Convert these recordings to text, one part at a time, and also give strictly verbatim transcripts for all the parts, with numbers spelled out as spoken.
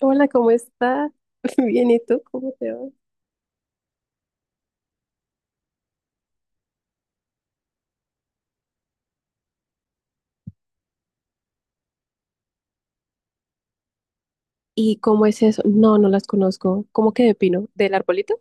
Hola, ¿cómo estás? Bien, ¿y tú? ¿Cómo te va? ¿Y cómo es eso? No, no las conozco. ¿Cómo que de pino? ¿Del arbolito?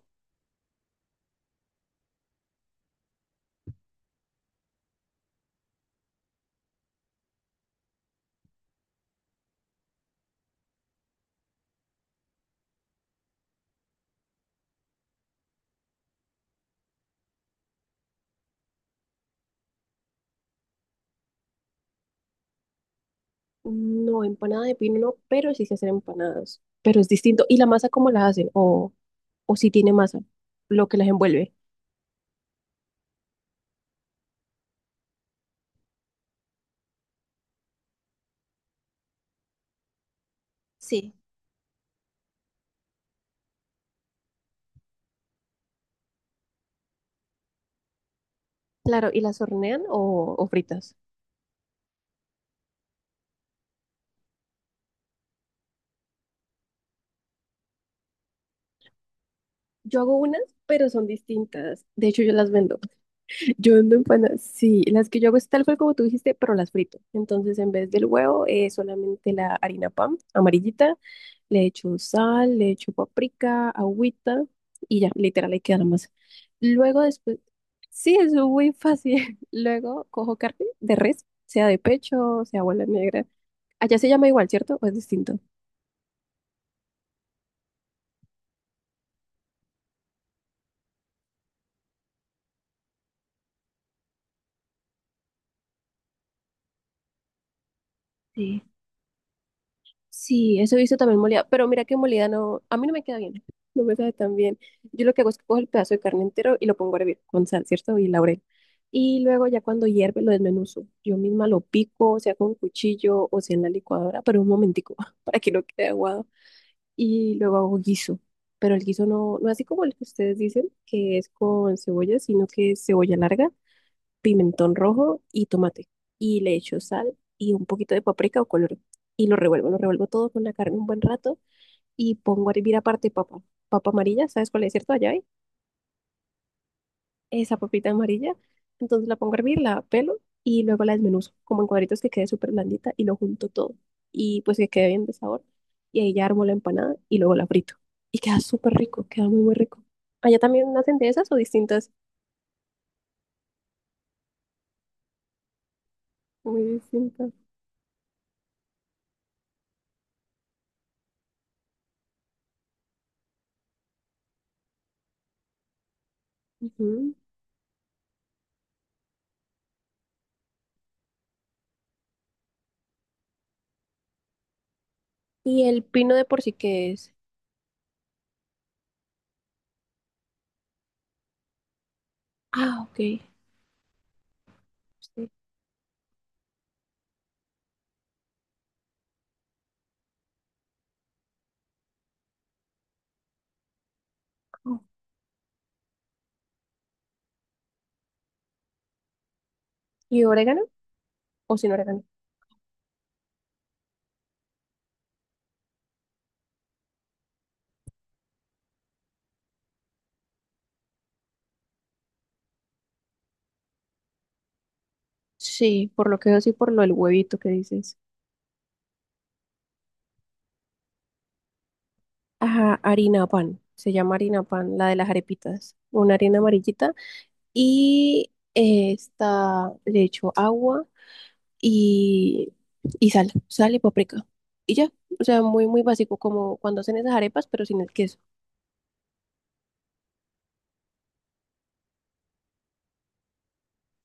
No, empanada de pino no, pero sí se hacen empanadas. Pero es distinto. ¿Y la masa cómo la hacen? ¿O, o si tiene masa? Lo que las envuelve. Sí. Claro, ¿y las hornean o, o fritas? Yo hago unas, pero son distintas. De hecho, yo las vendo. Yo ando empanadas, sí, las que yo hago es tal cual como tú dijiste, pero las frito. Entonces, en vez del huevo, eh, solamente la harina pan amarillita, le echo sal, le echo paprika, agüita y ya, literal, ahí queda la masa. Luego después, sí, es muy fácil. Luego cojo carne de res, sea de pecho, sea bola negra. Allá se llama igual, ¿cierto? ¿O es distinto? Sí. Sí, eso he visto también molida, pero mira que molida no, a mí no me queda bien, no me sabe tan bien. Yo lo que hago es que cojo el pedazo de carne entero y lo pongo a hervir con sal, ¿cierto? Y laurel. Y luego ya cuando hierve lo desmenuzo. Yo misma lo pico, sea con cuchillo o sea en la licuadora, pero un momentico para que no quede aguado. Y luego hago guiso, pero el guiso no, no así como el que ustedes dicen, que es con cebolla, sino que es cebolla larga, pimentón rojo y tomate. Y le echo sal y un poquito de paprika o color. Y lo revuelvo, lo revuelvo todo con la carne un buen rato y pongo a hervir aparte papa. Papa amarilla, ¿sabes cuál es, cierto? Allá hay esa papita amarilla. Entonces la pongo a hervir, la pelo y luego la desmenuzo como en cuadritos que quede súper blandita y lo junto todo. Y pues que quede bien de sabor. Y ahí ya armo la empanada y luego la frito. Y queda súper rico, queda muy, muy rico. ¿Allá también hacen de esas o distintas? Muy distintas. Ujú. ¿Y el pino de por sí qué es? Ah, ok. Sí. Oh. ¿Y orégano o sin orégano? Sí, por lo que veo, sí, por lo del huevito que dices. Ajá, harina pan. Se llama harina pan, la de las arepitas. Una harina amarillita. Y eh, está, le echo agua y, y sal, sal y paprika. Y ya, o sea, muy, muy básico, como cuando hacen esas arepas, pero sin el queso.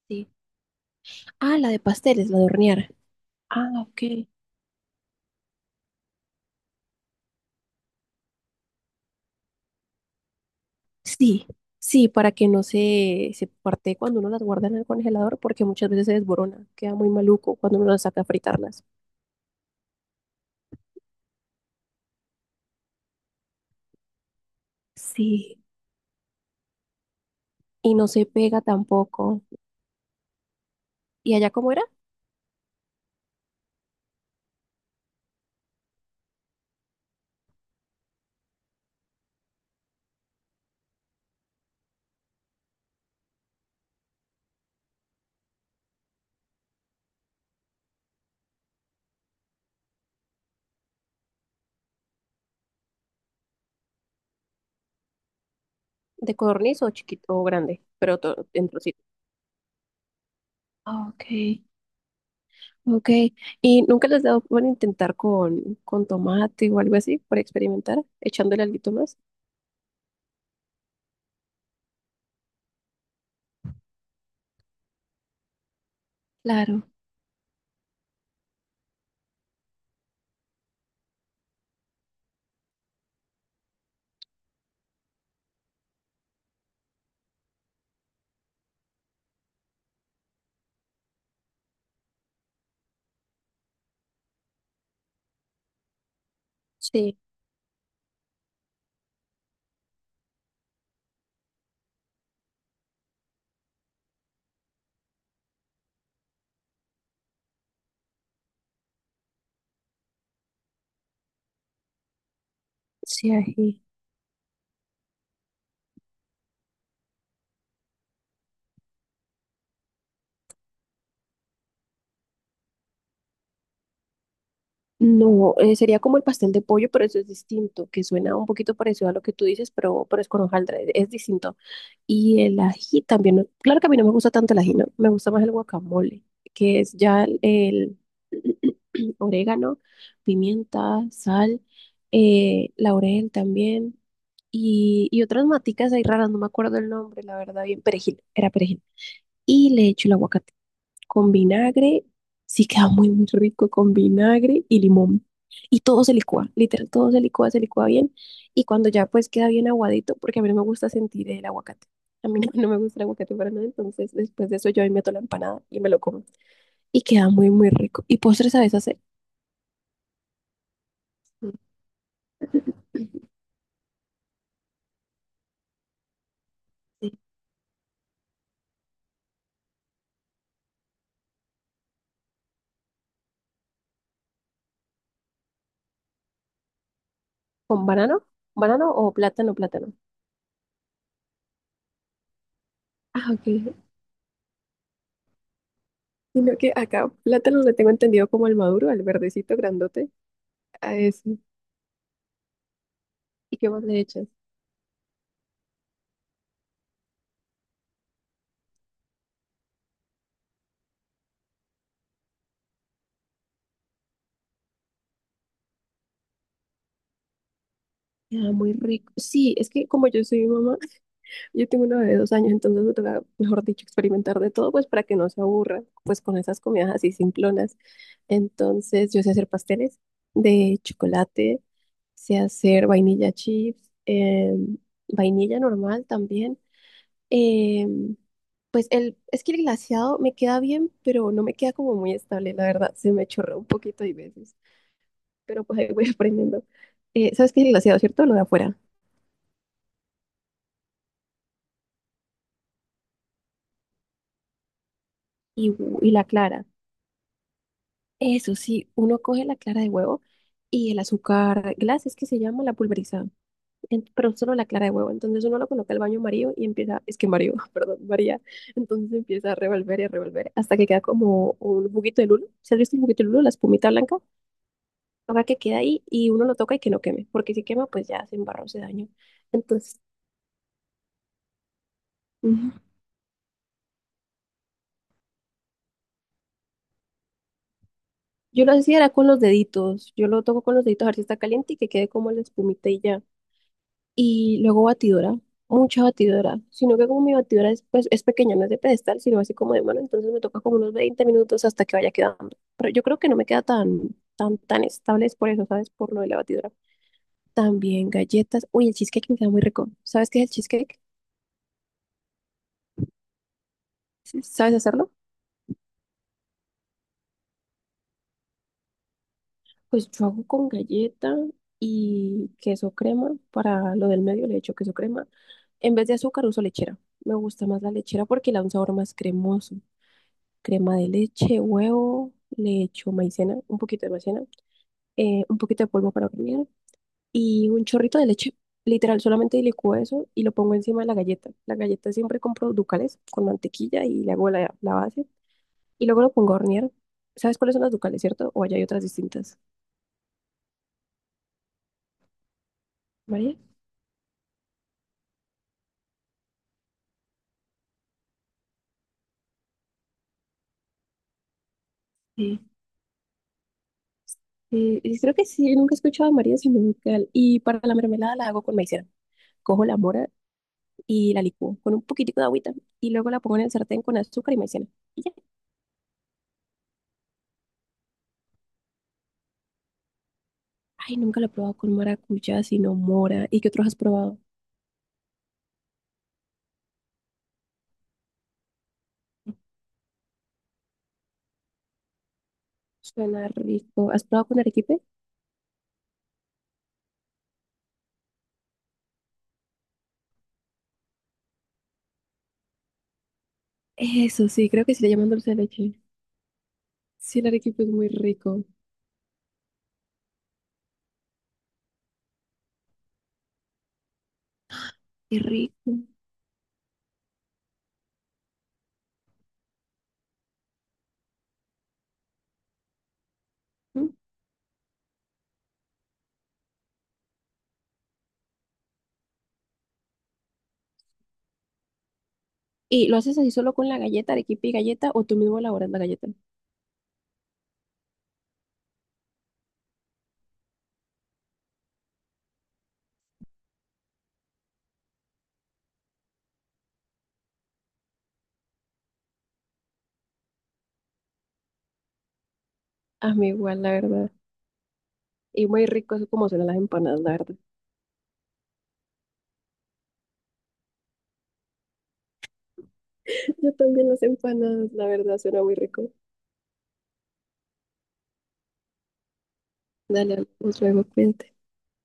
Sí. Ah, la de pasteles, la de hornear. Ah, ok. Sí, sí, para que no se, se parte cuando uno las guarda en el congelador, porque muchas veces se desborona, queda muy maluco cuando uno las saca a fritarlas. Sí, y no se pega tampoco. ¿Y allá cómo era? ¿De codorniz o chiquito o grande? Pero todo en trocito. Ah, ok, ok. ¿Y nunca les dado por intentar con, con tomate o algo así, para experimentar, echándole algo más? Claro, sí, sí, ají. No, eh, sería como el pastel de pollo, pero eso es distinto, que suena un poquito parecido a lo que tú dices, pero, pero es con hojaldre, es, es distinto. Y el ají también, no claro que a mí no me gusta tanto el ají, no, me gusta más el guacamole, que es ya el, el orégano, pimienta, sal, eh, laurel también, y, y otras maticas ahí raras, no me acuerdo el nombre, la verdad, bien, perejil, era perejil. Y le echo el aguacate con vinagre, sí queda muy, muy rico con vinagre y limón. Y todo se licúa, literal, todo se licúa, se licúa bien. Y cuando ya pues queda bien aguadito, porque a mí no me gusta sentir el aguacate. A mí no, no me gusta el aguacate para nada, entonces después de eso yo ahí meto la empanada y me lo como. Y queda muy, muy rico. ¿Y postre sabes hacer? ¿Con banano? ¿Banano o plátano, plátano? Ah, ok. Sino que acá plátano le tengo entendido como el maduro, al verdecito grandote. A ese. ¿Y qué más le echas? Queda muy rico. Sí, es que como yo soy mamá, yo tengo una bebé de dos años, entonces me toca, mejor dicho, experimentar de todo, pues para que no se aburra, pues con esas comidas así simplonas. Entonces, yo sé hacer pasteles de chocolate, sé hacer vainilla chips, em, vainilla normal también. em, pues el, es que el glaseado me queda bien, pero no me queda como muy estable, la verdad, se me chorrea un poquito hay veces, pero pues ahí voy aprendiendo. Eh, ¿sabes qué es el glaseado, cierto? Lo de afuera. Y, hu- y la clara. Eso sí, uno coge la clara de huevo y el azúcar glass, es que se llama la pulverizada, en- pero solo la clara de huevo. Entonces uno lo coloca al baño María y empieza, es que María, perdón, María. Entonces empieza a revolver y a revolver hasta que queda como un juguito de lulo. ¿Se has visto el juguito de lulo, la espumita blanca? Toca que queda ahí y uno lo toca y que no queme, porque si quema, pues ya se embarró, se daño. Entonces, ujú, yo lo hacía era con los deditos. Yo lo toco con los deditos a ver si está caliente y que quede como la espumita y ya. Y luego batidora, mucha batidora, sino que como mi batidora es, pues, es pequeña, no es de pedestal, sino así como de mano, entonces me toca como unos veinte minutos hasta que vaya quedando. Pero yo creo que no me queda tan, tan, tan estable, es por eso, ¿sabes? Por lo de la batidora. También galletas, uy, el cheesecake me queda muy rico. ¿Sabes qué es el cheesecake? Sí. ¿Sabes hacerlo? Pues yo hago con galleta y queso crema, para lo del medio le echo queso crema. En vez de azúcar uso lechera. Me gusta más la lechera porque le da un sabor más cremoso. Crema de leche, huevo, le echo maicena, un poquito de maicena, eh, un poquito de polvo para hornear y un chorrito de leche. Literal, solamente licúo eso y lo pongo encima de la galleta. La galleta siempre compro ducales con mantequilla y le hago la, la base y luego lo pongo a hornear. ¿Sabes cuáles son las ducales, cierto? O allá hay otras distintas. María. Sí. Eh, y creo que sí, nunca he escuchado a María sin un ducal. Y para la mermelada la hago con maicena. Cojo la mora y la licúo con un poquitico de agüita y luego la pongo en el sartén con azúcar y maicena. Y ya. Ay, nunca lo he probado con maracuyá, sino mora. ¿Y qué otros has probado? Suena rico. ¿Has probado con arequipe? Eso sí, creo que sí le llaman dulce de leche. Sí, el arequipe es muy rico. Qué rico. ¿Mm? ¿Y lo haces así solo con la galleta, arequipe y galleta, o tú mismo elaboras la galleta? A mí igual, la verdad. Y muy rico, eso como suenan las empanadas, la verdad. Yo también las empanadas, la verdad, suena muy rico. Dale, nos vemos, cuídate.